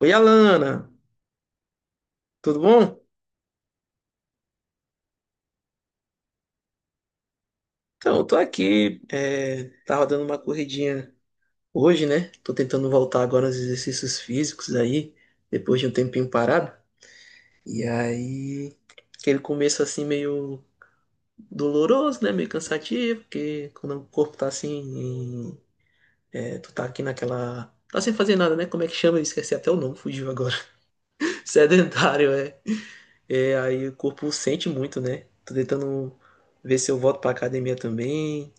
Oi, Alana, tudo bom? Então, eu tô aqui, tava dando uma corridinha hoje, né? Tô tentando voltar agora aos exercícios físicos aí, depois de um tempinho parado. E aí, aquele começo assim meio doloroso, né? Meio cansativo, porque quando o corpo tá assim, é, tu tá aqui naquela... Tá sem fazer nada, né? Como é que chama? Eu esqueci até o nome, fugiu agora. Sedentário, é. É, aí o corpo sente muito, né? Tô tentando ver se eu volto pra academia também.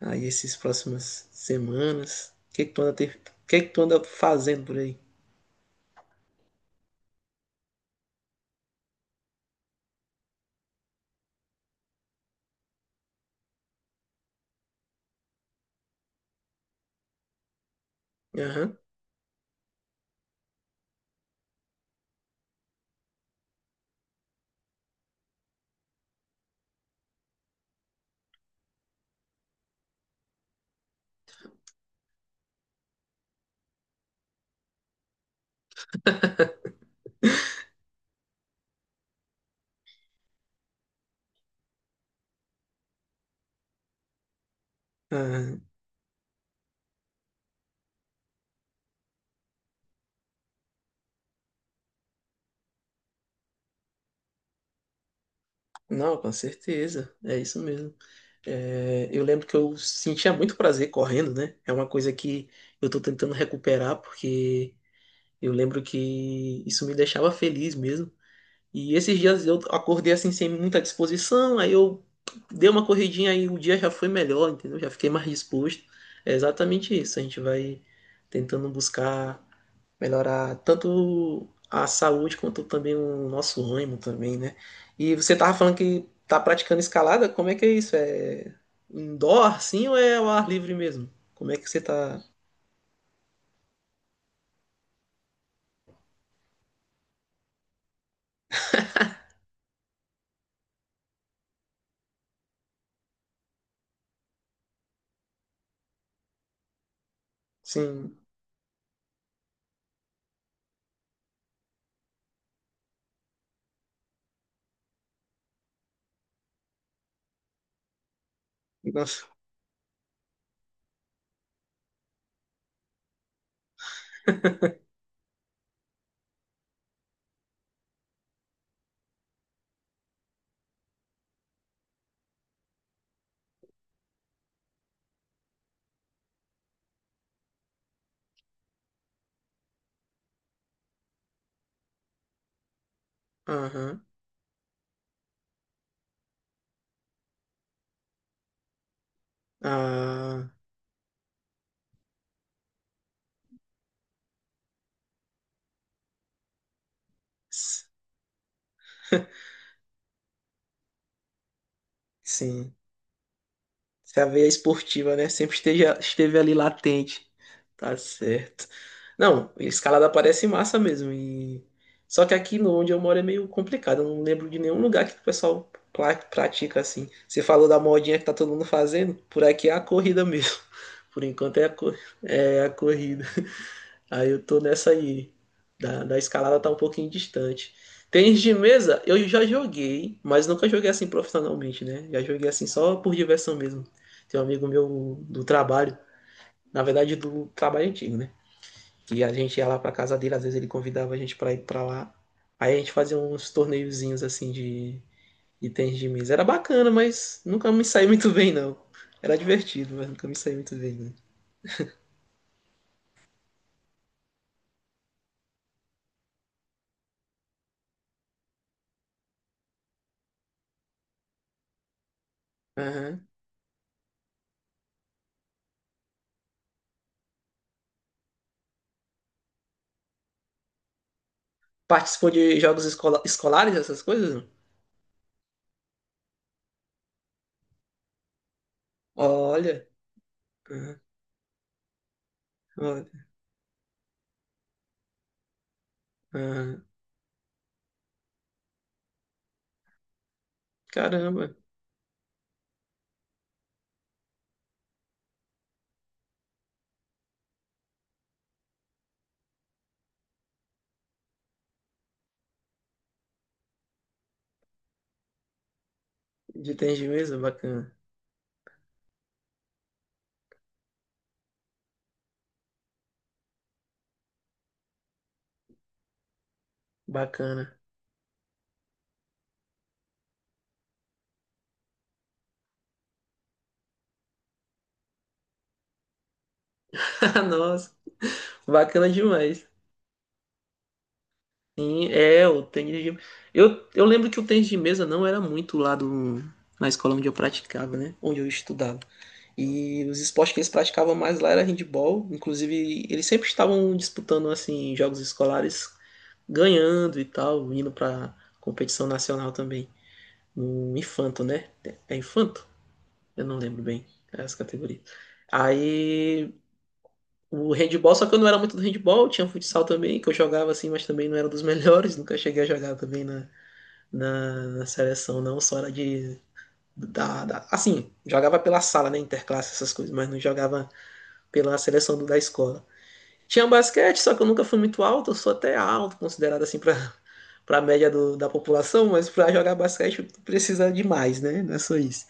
Aí essas próximas semanas? O que é que tu anda, o que é que tu anda fazendo por aí? Aham. Ah, não, com certeza. É isso mesmo. É, eu lembro que eu sentia muito prazer correndo, né? É uma coisa que eu tô tentando recuperar, porque eu lembro que isso me deixava feliz mesmo. E esses dias eu acordei assim sem muita disposição, aí eu dei uma corridinha e o dia já foi melhor, entendeu? Já fiquei mais disposto. É exatamente isso. A gente vai tentando buscar melhorar tanto a saúde quanto também o nosso ânimo também, né? E você tava falando que tá praticando escalada, como é que é isso? É indoor, sim, ou é ao ar livre mesmo? Como é que você tá, sim, nossa, aham, ah, s- sim. Se a veia esportiva, né, esteve ali latente. Tá certo. Não, escalada parece massa mesmo. E... Só que aqui no onde eu moro é meio complicado. Eu não lembro de nenhum lugar que o pessoal pratica assim. Você falou da modinha que tá todo mundo fazendo? Por aqui é a corrida mesmo. Por enquanto é é a corrida. Aí eu tô nessa aí. Da escalada tá um pouquinho distante. Tênis de mesa, eu já joguei, mas nunca joguei assim profissionalmente, né? Já joguei assim só por diversão mesmo. Tem um amigo meu do trabalho, na verdade do trabalho antigo, né? Que a gente ia lá pra casa dele, às vezes ele convidava a gente pra ir pra lá. Aí a gente fazia uns torneiozinhos assim de tênis de mesa. Era bacana, mas nunca me saiu muito bem, não. Era divertido, mas nunca me saiu muito bem, né? Aham. Participou de jogos escolares, essas coisas? Olha, ah, olha, ah, caramba, de tem bacana, bacana. Nossa, bacana demais. Sim, é, o tênis de... eu lembro que o tênis de mesa não era muito lá do, na escola onde eu praticava, né? Onde eu estudava. E os esportes que eles praticavam mais lá era handebol. Inclusive, eles sempre estavam disputando, assim, jogos escolares, ganhando e tal, indo pra competição nacional também. No infanto, né? É infanto? Eu não lembro bem as categorias. Aí o handball, só que eu não era muito do handball, tinha futsal também, que eu jogava assim, mas também não era dos melhores, nunca cheguei a jogar também na seleção, não, só era de. Assim, jogava pela sala, né? Interclasse, essas coisas, mas não jogava pela seleção da escola. Tinha um basquete, só que eu nunca fui muito alto, eu sou até alto, considerado assim pra, pra média da população, mas pra jogar basquete precisa de mais, né? Não é só isso.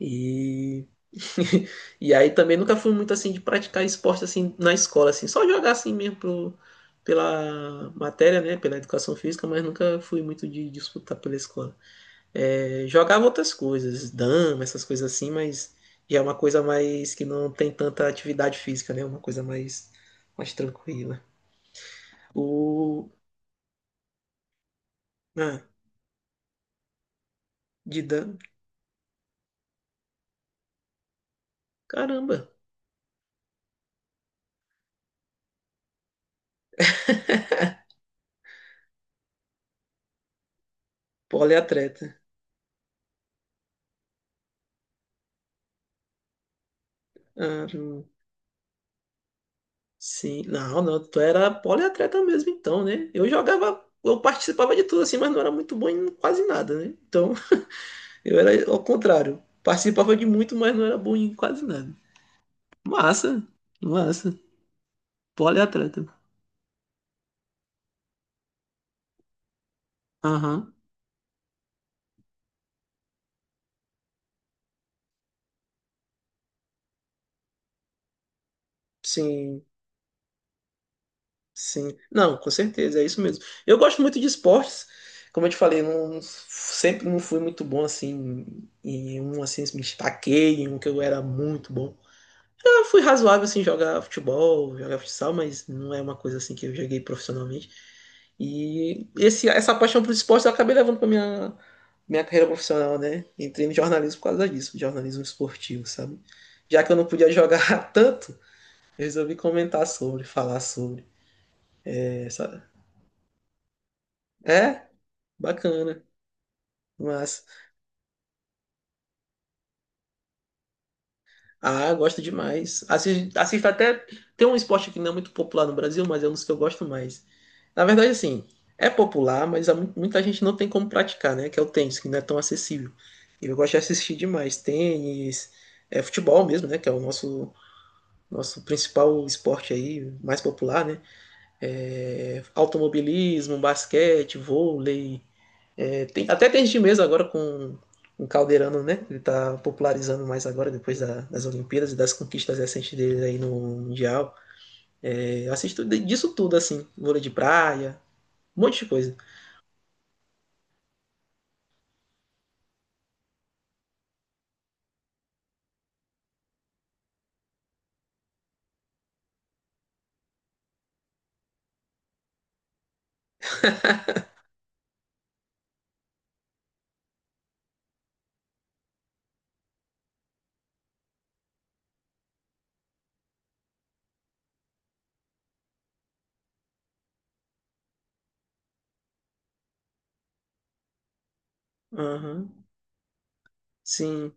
E e aí também nunca fui muito assim de praticar esporte assim na escola, assim, só jogar assim mesmo pela matéria, né, pela educação física, mas nunca fui muito de disputar pela escola. É, jogava outras coisas, dama, essas coisas assim, mas já é uma coisa mais que não tem tanta atividade física, né, é uma coisa mais, mais tranquila. O... Ah, de dama, caramba, poliatleta. Ah. Sim, não, não, tu era poliatleta mesmo então, né? Eu jogava, eu participava de tudo assim, mas não era muito bom em quase nada, né? Então, eu era ao contrário. Participava de muito, mas não era bom em quase nada. Massa, massa. Poliatleta. Aham. Sim, sim. Não, com certeza, é isso mesmo. Eu gosto muito de esportes. Como eu te falei, não, sempre não fui muito bom assim em um assim, me destaquei em um que eu era muito bom. Eu fui razoável assim em jogar futebol, jogar futsal, mas não é uma coisa assim que eu joguei profissionalmente. E essa paixão por esporte eu acabei levando para minha carreira profissional, né? Entrei no jornalismo por causa disso, jornalismo esportivo, sabe? Já que eu não podia jogar tanto, eu resolvi comentar sobre, falar sobre. Essa... É, bacana, mas ah, eu gosto demais. Assisto, assisto até. Tem um esporte que não é muito popular no Brasil, mas é um dos que eu gosto mais. Na verdade, assim, é popular, mas há muita gente não tem como praticar, né? Que é o tênis, que não é tão acessível. E eu gosto de assistir demais. Tênis, é, futebol mesmo, né? Que é o nosso, nosso principal esporte aí, mais popular, né? É, automobilismo, basquete, vôlei. É, tem até tênis de mesa agora com o Calderano, né? Ele tá popularizando mais agora, depois das Olimpíadas e das conquistas recentes dele aí no Mundial. É, eu assisto disso tudo, assim. Vôlei de praia, um monte de coisa. Aham. Sim,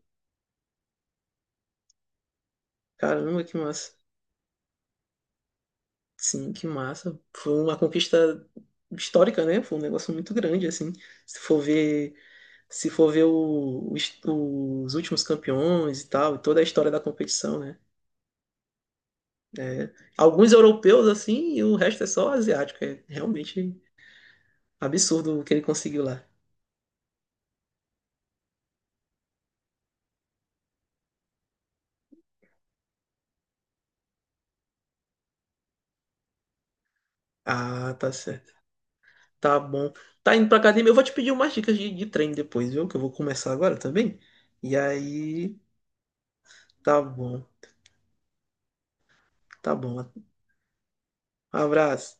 caramba, que massa. Sim, que massa. Foi uma conquista histórica, né? Foi um negócio muito grande, assim. Se for ver, se for ver os últimos campeões e tal, e toda a história da competição, né? É, alguns europeus assim e o resto é só asiático. É realmente absurdo o que ele conseguiu lá. Ah, tá certo. Tá bom. Tá indo pra academia. Eu vou te pedir umas dicas de treino depois, viu? Que eu vou começar agora também. E aí, tá bom. Tá bom. Abraço.